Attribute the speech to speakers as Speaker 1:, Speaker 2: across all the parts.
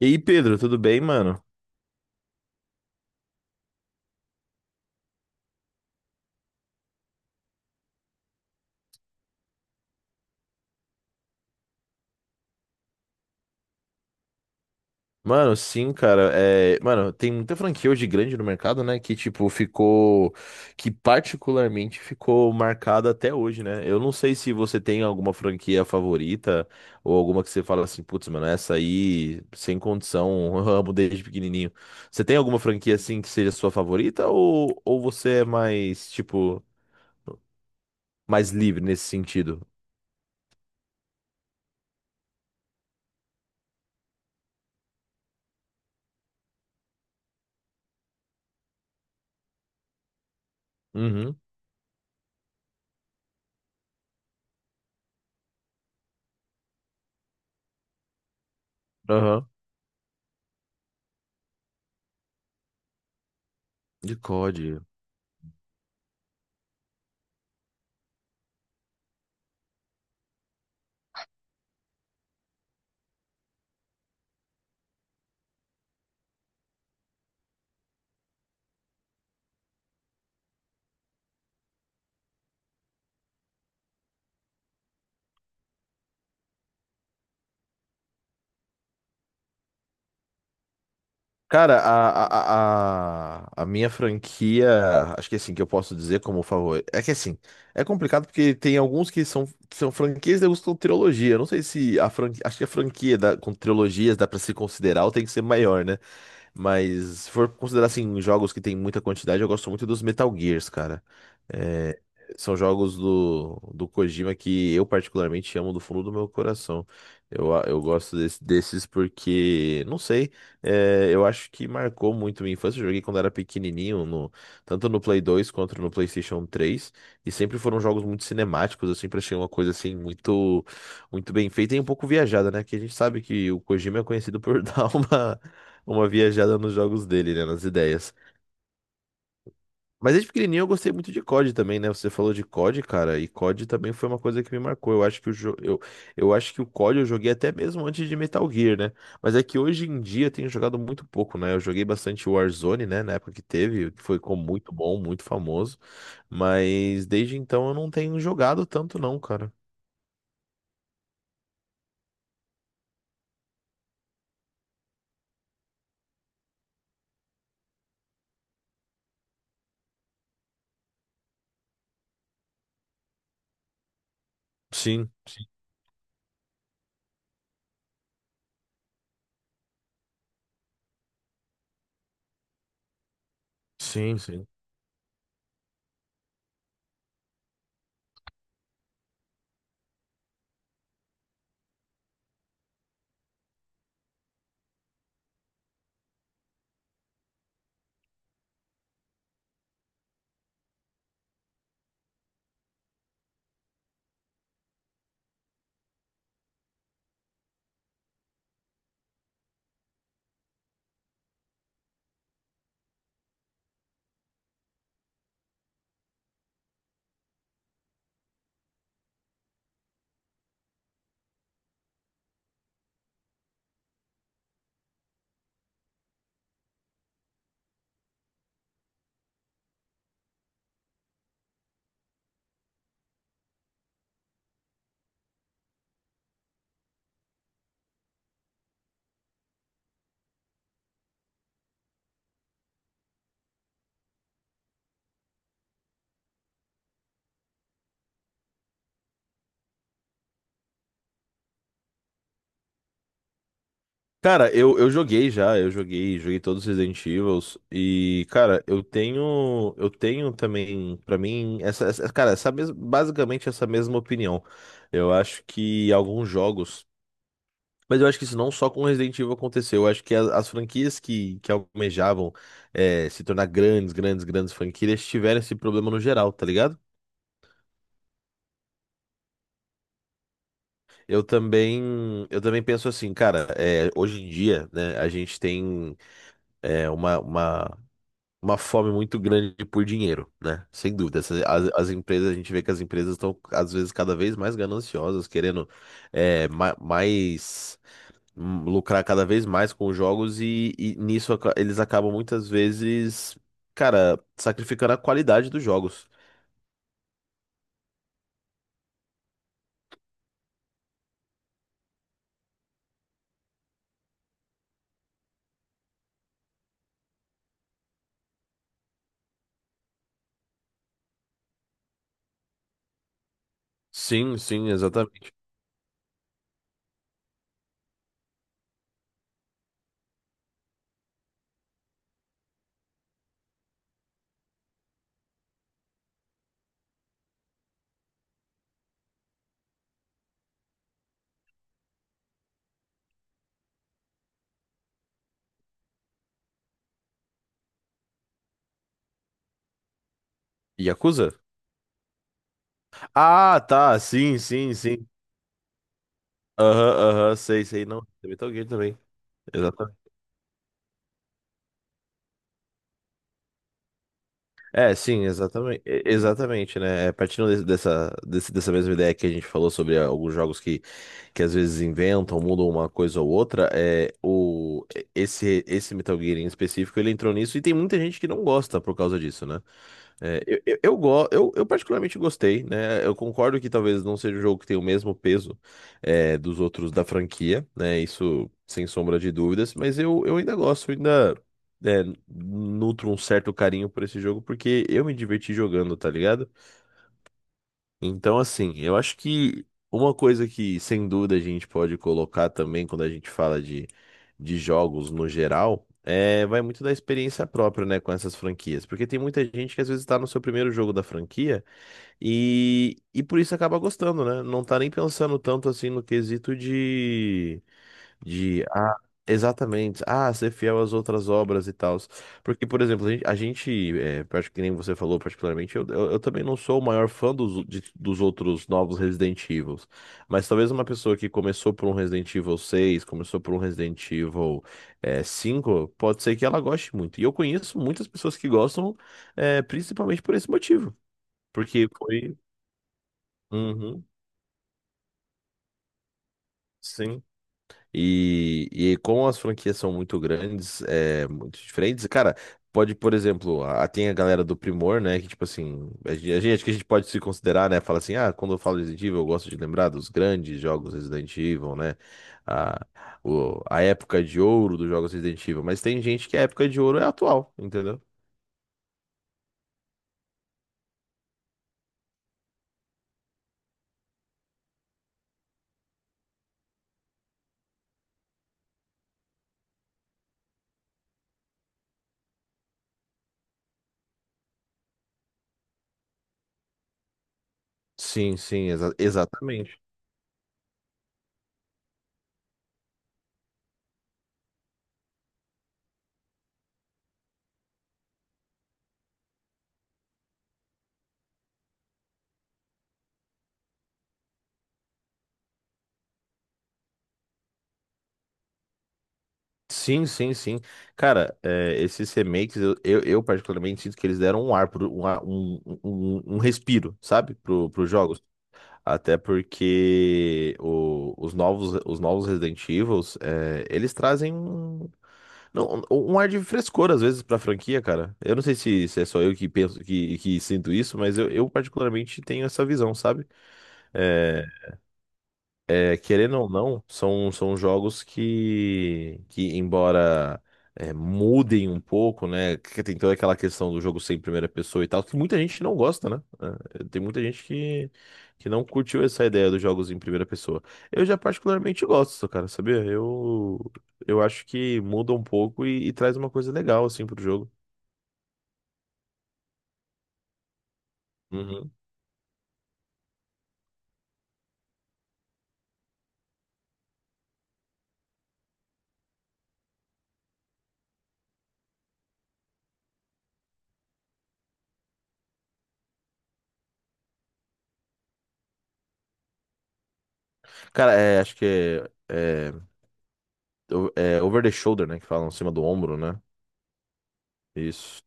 Speaker 1: E aí, Pedro, tudo bem, mano? Mano, sim, cara. Mano, tem muita franquia hoje grande no mercado, né? Que, tipo, ficou. Que particularmente ficou marcada até hoje, né? Eu não sei se você tem alguma franquia favorita ou alguma que você fala assim, putz, mano, essa aí, sem condição, eu amo desde pequenininho. Você tem alguma franquia, assim, que seja sua favorita ou você é mais, tipo, mais livre nesse sentido? Uhum, aham. De COD. Cara, a minha franquia, acho que é assim, que eu posso dizer como favorito. É que assim, é complicado porque tem alguns que são franquias e alguns que são trilogia. Eu não sei se a franquia. Acho que a franquia da, com trilogias dá pra se considerar ou tem que ser maior, né? Mas se for considerar assim, jogos que tem muita quantidade, eu gosto muito dos Metal Gears, cara. É, são jogos do Kojima que eu particularmente amo do fundo do meu coração. Eu gosto desses porque, não sei. Eu acho que marcou muito minha infância. Eu joguei quando era pequenininho, tanto no Play 2 quanto no PlayStation 3. E sempre foram jogos muito cinemáticos. Eu sempre achei uma coisa assim muito, muito bem feita e um pouco viajada, né? Que a gente sabe que o Kojima é conhecido por dar uma viajada nos jogos dele, né? Nas ideias. Mas desde pequenininho eu gostei muito de COD também, né? Você falou de COD, cara, e COD também foi uma coisa que me marcou. Eu acho que eu acho que o COD eu joguei até mesmo antes de Metal Gear, né? Mas é que hoje em dia eu tenho jogado muito pouco, né? Eu joguei bastante Warzone, né, na época que teve, que foi com muito bom, muito famoso, mas desde então eu não tenho jogado tanto não, cara. Sim, sim, sim, sim. Cara, eu joguei já, eu joguei, joguei todos os Resident Evils e, cara, eu tenho também, pra mim, basicamente essa mesma opinião. Eu acho que alguns jogos, mas eu acho que isso não só com Resident Evil aconteceu, eu acho que as franquias que almejavam se tornar grandes, grandes franquias tiveram esse problema no geral, tá ligado? Eu também, eu também penso assim, cara, hoje em dia, né, a gente tem é, uma, uma uma fome muito grande por dinheiro, né? Sem dúvida. As, as empresas, a gente vê que as empresas estão, às vezes, cada vez mais gananciosas, querendo mais lucrar cada vez mais com os jogos e nisso eles acabam muitas vezes, cara, sacrificando a qualidade dos jogos. Sim, sim, exatamente. Yakuza? Ah, tá, sim, sim, sim. Aham, aham, sei, sei, não. Tem Metal Gear também. É, sim, exatamente, exatamente, né? É, partindo dessa mesma ideia que a gente falou sobre alguns jogos que às vezes inventam, mudam uma coisa ou outra, esse Metal Gear em específico, ele entrou nisso e tem muita gente que não gosta por causa disso, né? Eu particularmente gostei, né? Eu concordo que talvez não seja um jogo que tem o mesmo peso dos outros da franquia, né? Isso sem sombra de dúvidas, mas eu ainda gosto, eu ainda é, nutro um certo carinho por esse jogo porque eu me diverti jogando, tá ligado? Então, assim, eu acho que uma coisa que sem dúvida a gente pode colocar também quando a gente fala de jogos no geral. É, vai muito da experiência própria, né, com essas franquias. Porque tem muita gente que às vezes tá no seu primeiro jogo da franquia e por isso acaba gostando, né? Não tá nem pensando tanto assim no quesito de, ah, exatamente, ser fiel às outras obras e tal. Porque, por exemplo, a gente, acho que nem você falou particularmente, eu também não sou o maior fã dos outros novos Resident Evils. Mas talvez uma pessoa que começou por um Resident Evil 6, começou por um Resident Evil 5, pode ser que ela goste muito. E eu conheço muitas pessoas que gostam, principalmente por esse motivo. Porque foi. Uhum, sim. E como as franquias são muito grandes, muito diferentes, cara, pode, por exemplo, a, tem a galera do Primor, né, que tipo assim, a gente, acho que a gente pode se considerar, né, fala assim, ah, quando eu falo Resident Evil, eu gosto de lembrar dos grandes jogos Resident Evil, né, a, a época de ouro dos jogos Resident Evil, mas tem gente que a época de ouro é atual, entendeu? Sim, sim, exa- exatamente. Sim, sim, sim. Cara, é, esses remakes, eu particularmente sinto que eles deram um ar, pro, um, ar- um, um, um um respiro, sabe, pros jogos. Até porque os novos Resident Evils, eles trazem um, não, um um ar de frescor, às vezes, pra franquia, cara. Eu não sei se, se é só eu que penso, que sinto isso, mas eu particularmente tenho essa visão, sabe? Eh, querendo ou não, são, são jogos que embora mudem um pouco, né? Que tem toda aquela questão do jogo ser em primeira pessoa e tal, que muita gente não gosta, né? É, tem muita gente que não curtiu essa ideia dos jogos em primeira pessoa. Eu já particularmente gosto, cara, sabia? Eu acho que muda um pouco e traz uma coisa legal, assim, pro jogo. Uhum. Cara, é, acho que é, é, o- é over the shoulder, né? Que falam, em cima do ombro, né? Isso.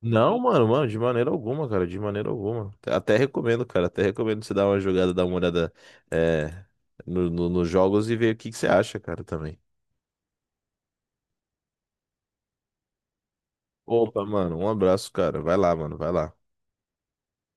Speaker 1: Não, mano, mano, de maneira alguma, cara, de maneira alguma. Até recomendo, cara, até recomendo você dar uma jogada, dar uma olhada é, nos jogos e ver o que que você acha, cara, também. Opa, mano, um abraço, cara. Vai lá, mano, vai lá.